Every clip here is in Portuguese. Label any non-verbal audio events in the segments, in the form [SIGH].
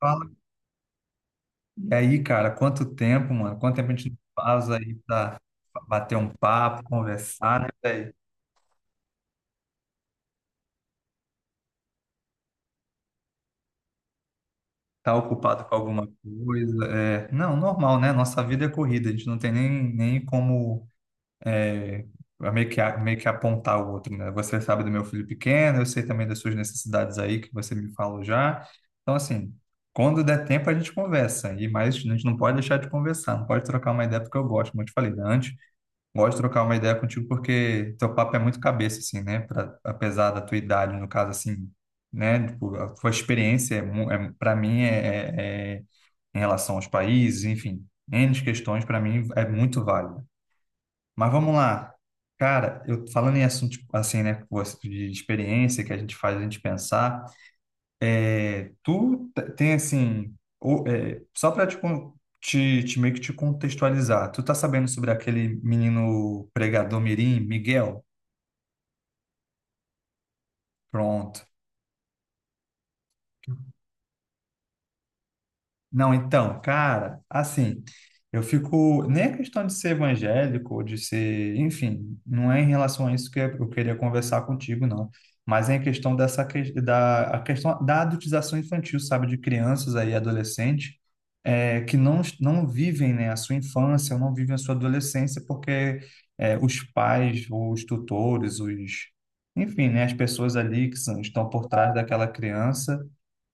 Fala. E aí, cara, quanto tempo, mano? Quanto tempo a gente não faz aí pra bater um papo, conversar, né, velho? Tá ocupado com alguma coisa? Não, normal, né? Nossa vida é corrida, a gente não tem nem como é, meio que, meio que apontar o outro, né? Você sabe do meu filho pequeno, eu sei também das suas necessidades aí, que você me falou já. Então, assim, quando der tempo a gente conversa, e mais a gente não pode deixar de conversar, não pode trocar uma ideia porque eu gosto, como eu te falei, né? Antes. Gosto de trocar uma ideia contigo porque teu papo é muito cabeça, assim, né? Pra, apesar da tua idade, no caso, assim, né? Tipo, a tua experiência, para mim, é em relação aos países, enfim, N questões, para mim, é muito válida. Mas vamos lá. Cara, eu falando em assunto, tipo, assim, né? Com de experiência que a gente faz a gente pensar, tu tem, assim, só pra te, meio que te contextualizar. Tu tá sabendo sobre aquele menino pregador mirim, Miguel? Pronto. Não, então, cara, assim, eu fico. Nem a questão de ser evangélico, ou de ser. Enfim, não é em relação a isso que eu queria conversar contigo, não. Mas é em questão dessa. Da, a questão da adultização infantil, sabe? De crianças aí, adolescente, que não vivem, né, a sua infância, ou não vivem a sua adolescência, porque os pais, os tutores, os. Enfim, né, as pessoas ali que são, estão por trás daquela criança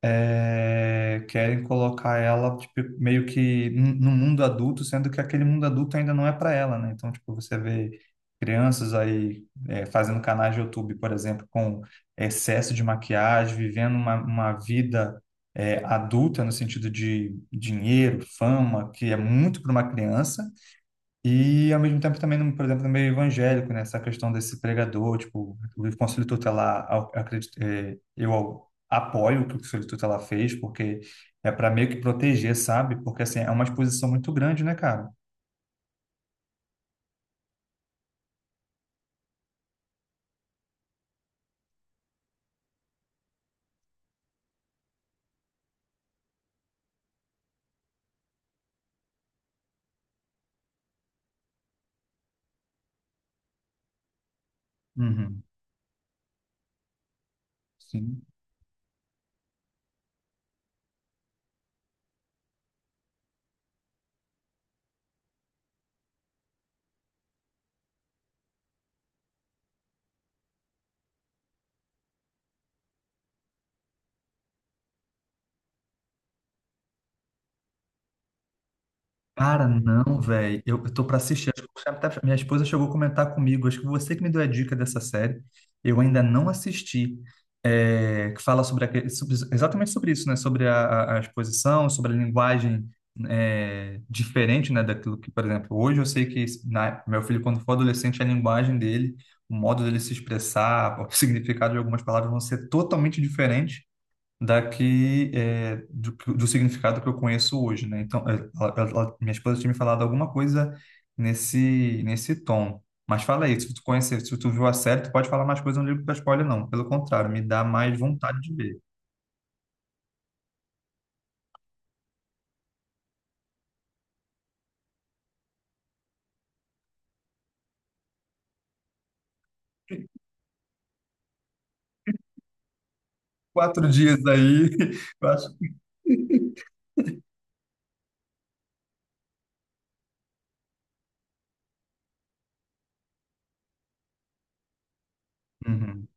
querem colocar ela tipo, meio que no mundo adulto, sendo que aquele mundo adulto ainda não é para ela, né? Então, tipo, você vê crianças aí fazendo canais de YouTube, por exemplo, com excesso de maquiagem, vivendo uma vida adulta no sentido de dinheiro, fama, que é muito para uma criança. E, ao mesmo tempo, também, por exemplo, no meio evangélico, né? Essa questão desse pregador, tipo, o Conselho Tutelar, eu acredito, eu apoio o que o Conselho Tutelar fez, porque é para meio que proteger, sabe? Porque, assim, é uma exposição muito grande, né, cara? Uhum. Sim. Cara, não, velho. Eu tô pra assistir. Acho que até minha esposa chegou a comentar comigo. Acho que você que me deu a dica dessa série. Eu ainda não assisti. É, que fala sobre, exatamente sobre isso, né? Sobre a exposição, sobre a linguagem diferente, né? Daquilo que, por exemplo, hoje eu sei que meu filho, quando for adolescente, a linguagem dele, o modo dele se expressar, o [LAUGHS] significado de algumas palavras vão ser totalmente diferentes daqui do significado que eu conheço hoje, né? Então, é, minha esposa tinha me falado alguma coisa nesse tom. Mas fala aí, se tu conhecer, se tu viu a série, tu pode falar mais coisa no livro da spoiler, não. Pelo contrário, me dá mais vontade de ver. Quatro dias aí, [LAUGHS] eu acho. Uhum.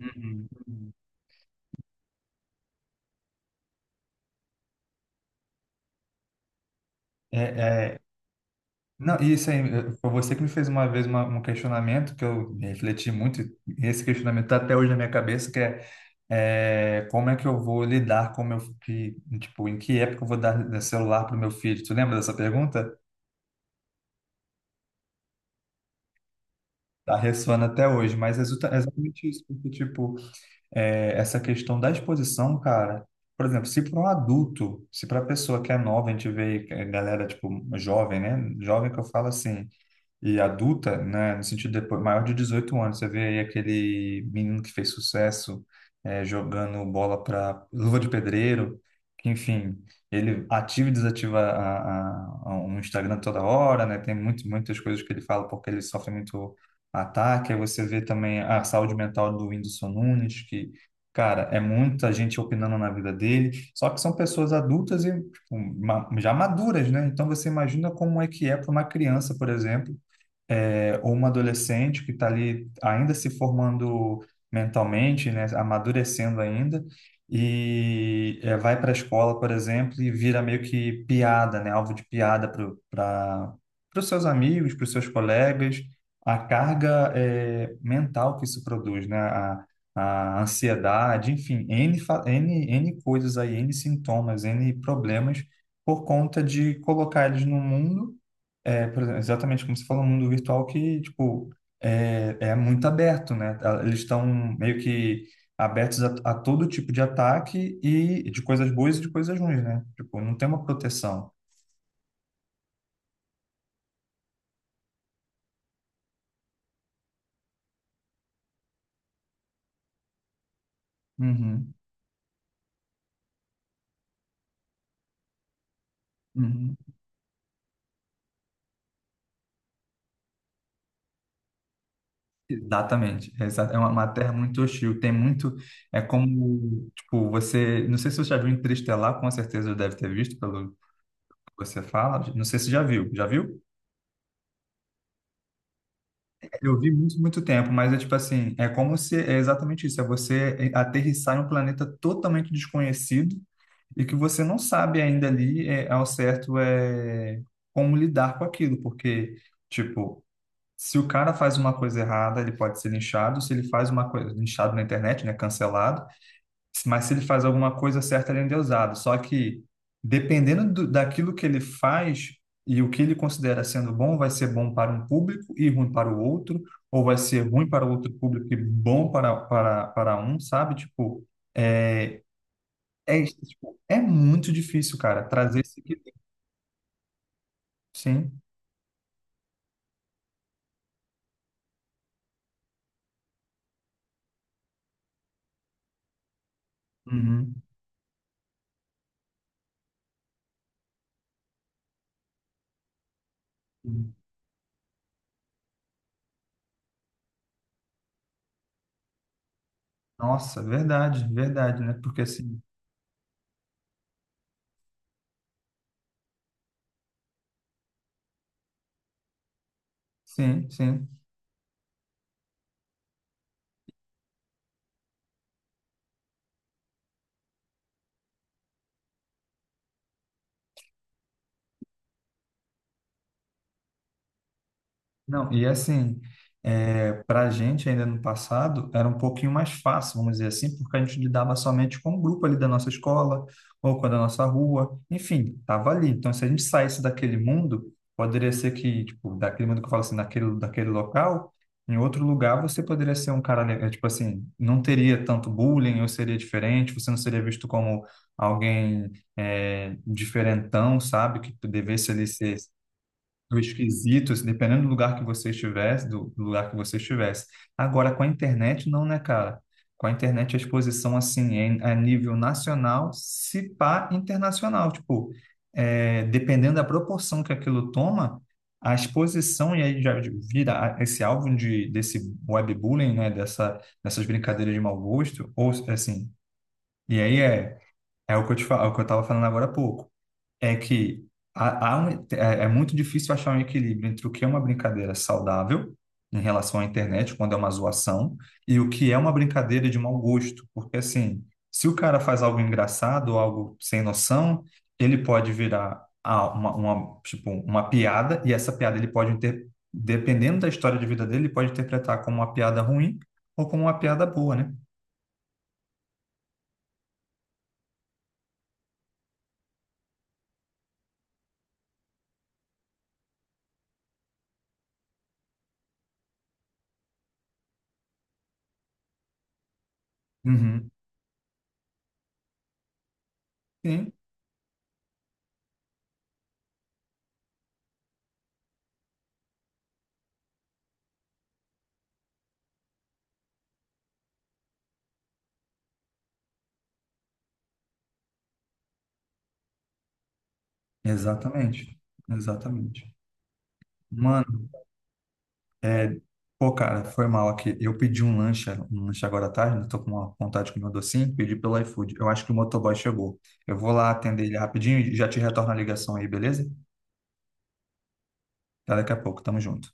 Uhum, uhum. É, é, não, e isso aí, foi você que me fez uma vez um questionamento que eu refleti muito, e esse questionamento está até hoje na minha cabeça, que é é, como é que eu vou lidar com meu que, tipo, em que época eu vou dar celular para o meu filho? Tu lembra dessa pergunta? Tá ressoando até hoje, mas é exatamente isso, porque, tipo, é, essa questão da exposição, cara, por exemplo, se para um adulto, se para a pessoa que é nova, a gente vê galera, tipo, jovem, né? Jovem que eu falo assim, e adulta, né, no sentido depois, maior de 18 anos. Você vê aí aquele menino que fez sucesso jogando bola para luva de pedreiro, que, enfim, ele ativa e desativa a um Instagram toda hora, né? Tem muitas coisas que ele fala porque ele sofre muito ataque. Aí você vê também a saúde mental do Whindersson Nunes, que cara, é muita gente opinando na vida dele, só que são pessoas adultas e tipo, já maduras, né? Então você imagina como é que é para uma criança, por exemplo, ou uma adolescente que está ali ainda se formando mentalmente, né, amadurecendo ainda, e vai para a escola, por exemplo, e vira meio que piada, né, alvo de piada para os seus amigos, para os seus colegas, a carga mental que isso produz, né, a ansiedade, enfim, N, N, N coisas aí, N sintomas, N problemas, por conta de colocar eles no mundo por exemplo, exatamente como você falou, um mundo virtual que, tipo, é muito aberto, né? Ah, eles estão meio que abertos a todo tipo de ataque e de coisas boas e de coisas ruins, né? Tipo, não tem uma proteção. Uhum, uhum. Exatamente. É é uma terra muito hostil. Tem muito. É como, tipo, você. Não sei se você já viu Interestelar, com certeza deve ter visto pelo que você fala. Não sei se já viu. Já viu? Eu vi muito, muito tempo, mas é tipo assim, é como se, é exatamente isso, é você aterrissar em um planeta totalmente desconhecido e que você não sabe ainda ali como lidar com aquilo, porque, tipo, se o cara faz uma coisa errada, ele pode ser linchado, se ele faz uma coisa, linchado na internet, né, cancelado, mas se ele faz alguma coisa certa, ele é endeusado. Só que, dependendo daquilo que ele faz e o que ele considera sendo bom, vai ser bom para um público e ruim para o outro, ou vai ser ruim para o outro público e bom para um, sabe? Tipo, é, tipo, é muito difícil, cara, trazer esse equilíbrio. Sim. Uhum. Nossa, verdade, verdade, né? Porque assim, sim, sim. Não, e assim, para a gente ainda no passado, era um pouquinho mais fácil, vamos dizer assim, porque a gente lidava somente com o grupo ali da nossa escola, ou com a da nossa rua, enfim, estava ali. Então, se a gente saísse daquele mundo, poderia ser que, tipo, daquele mundo que eu falo assim, daquele local, em outro lugar você poderia ser um cara, tipo assim, não teria tanto bullying, ou seria diferente, você não seria visto como alguém diferentão, sabe, que devesse ali ser do esquisito, assim, dependendo do lugar que você estivesse, do lugar que você estivesse. Agora, com a internet, não, né, cara? Com a internet, a exposição, assim, é a nível nacional, se pá internacional. Tipo, dependendo da proporção que aquilo toma, a exposição, e aí já vira esse alvo de, desse webbullying, né, dessas brincadeiras de mau gosto, ou, assim, e aí é o que eu é o que eu tava falando agora há pouco é que há um, é muito difícil achar um equilíbrio entre o que é uma brincadeira saudável em relação à internet, quando é uma zoação, e o que é uma brincadeira de mau gosto. Porque, assim, se o cara faz algo engraçado, algo sem noção, ele pode virar uma, tipo, uma piada, e essa piada ele pode, inter... dependendo da história de vida dele, ele pode interpretar como uma piada ruim ou como uma piada boa, né? Uhum. Sim, exatamente. Exatamente. Mano. É, pô, cara, foi mal aqui. Eu pedi um lanche agora à tarde, né? Tô com uma vontade de comer um docinho, pedi pelo iFood. Eu acho que o motoboy chegou. Eu vou lá atender ele rapidinho e já te retorno a ligação aí, beleza? Até daqui a pouco, tamo junto.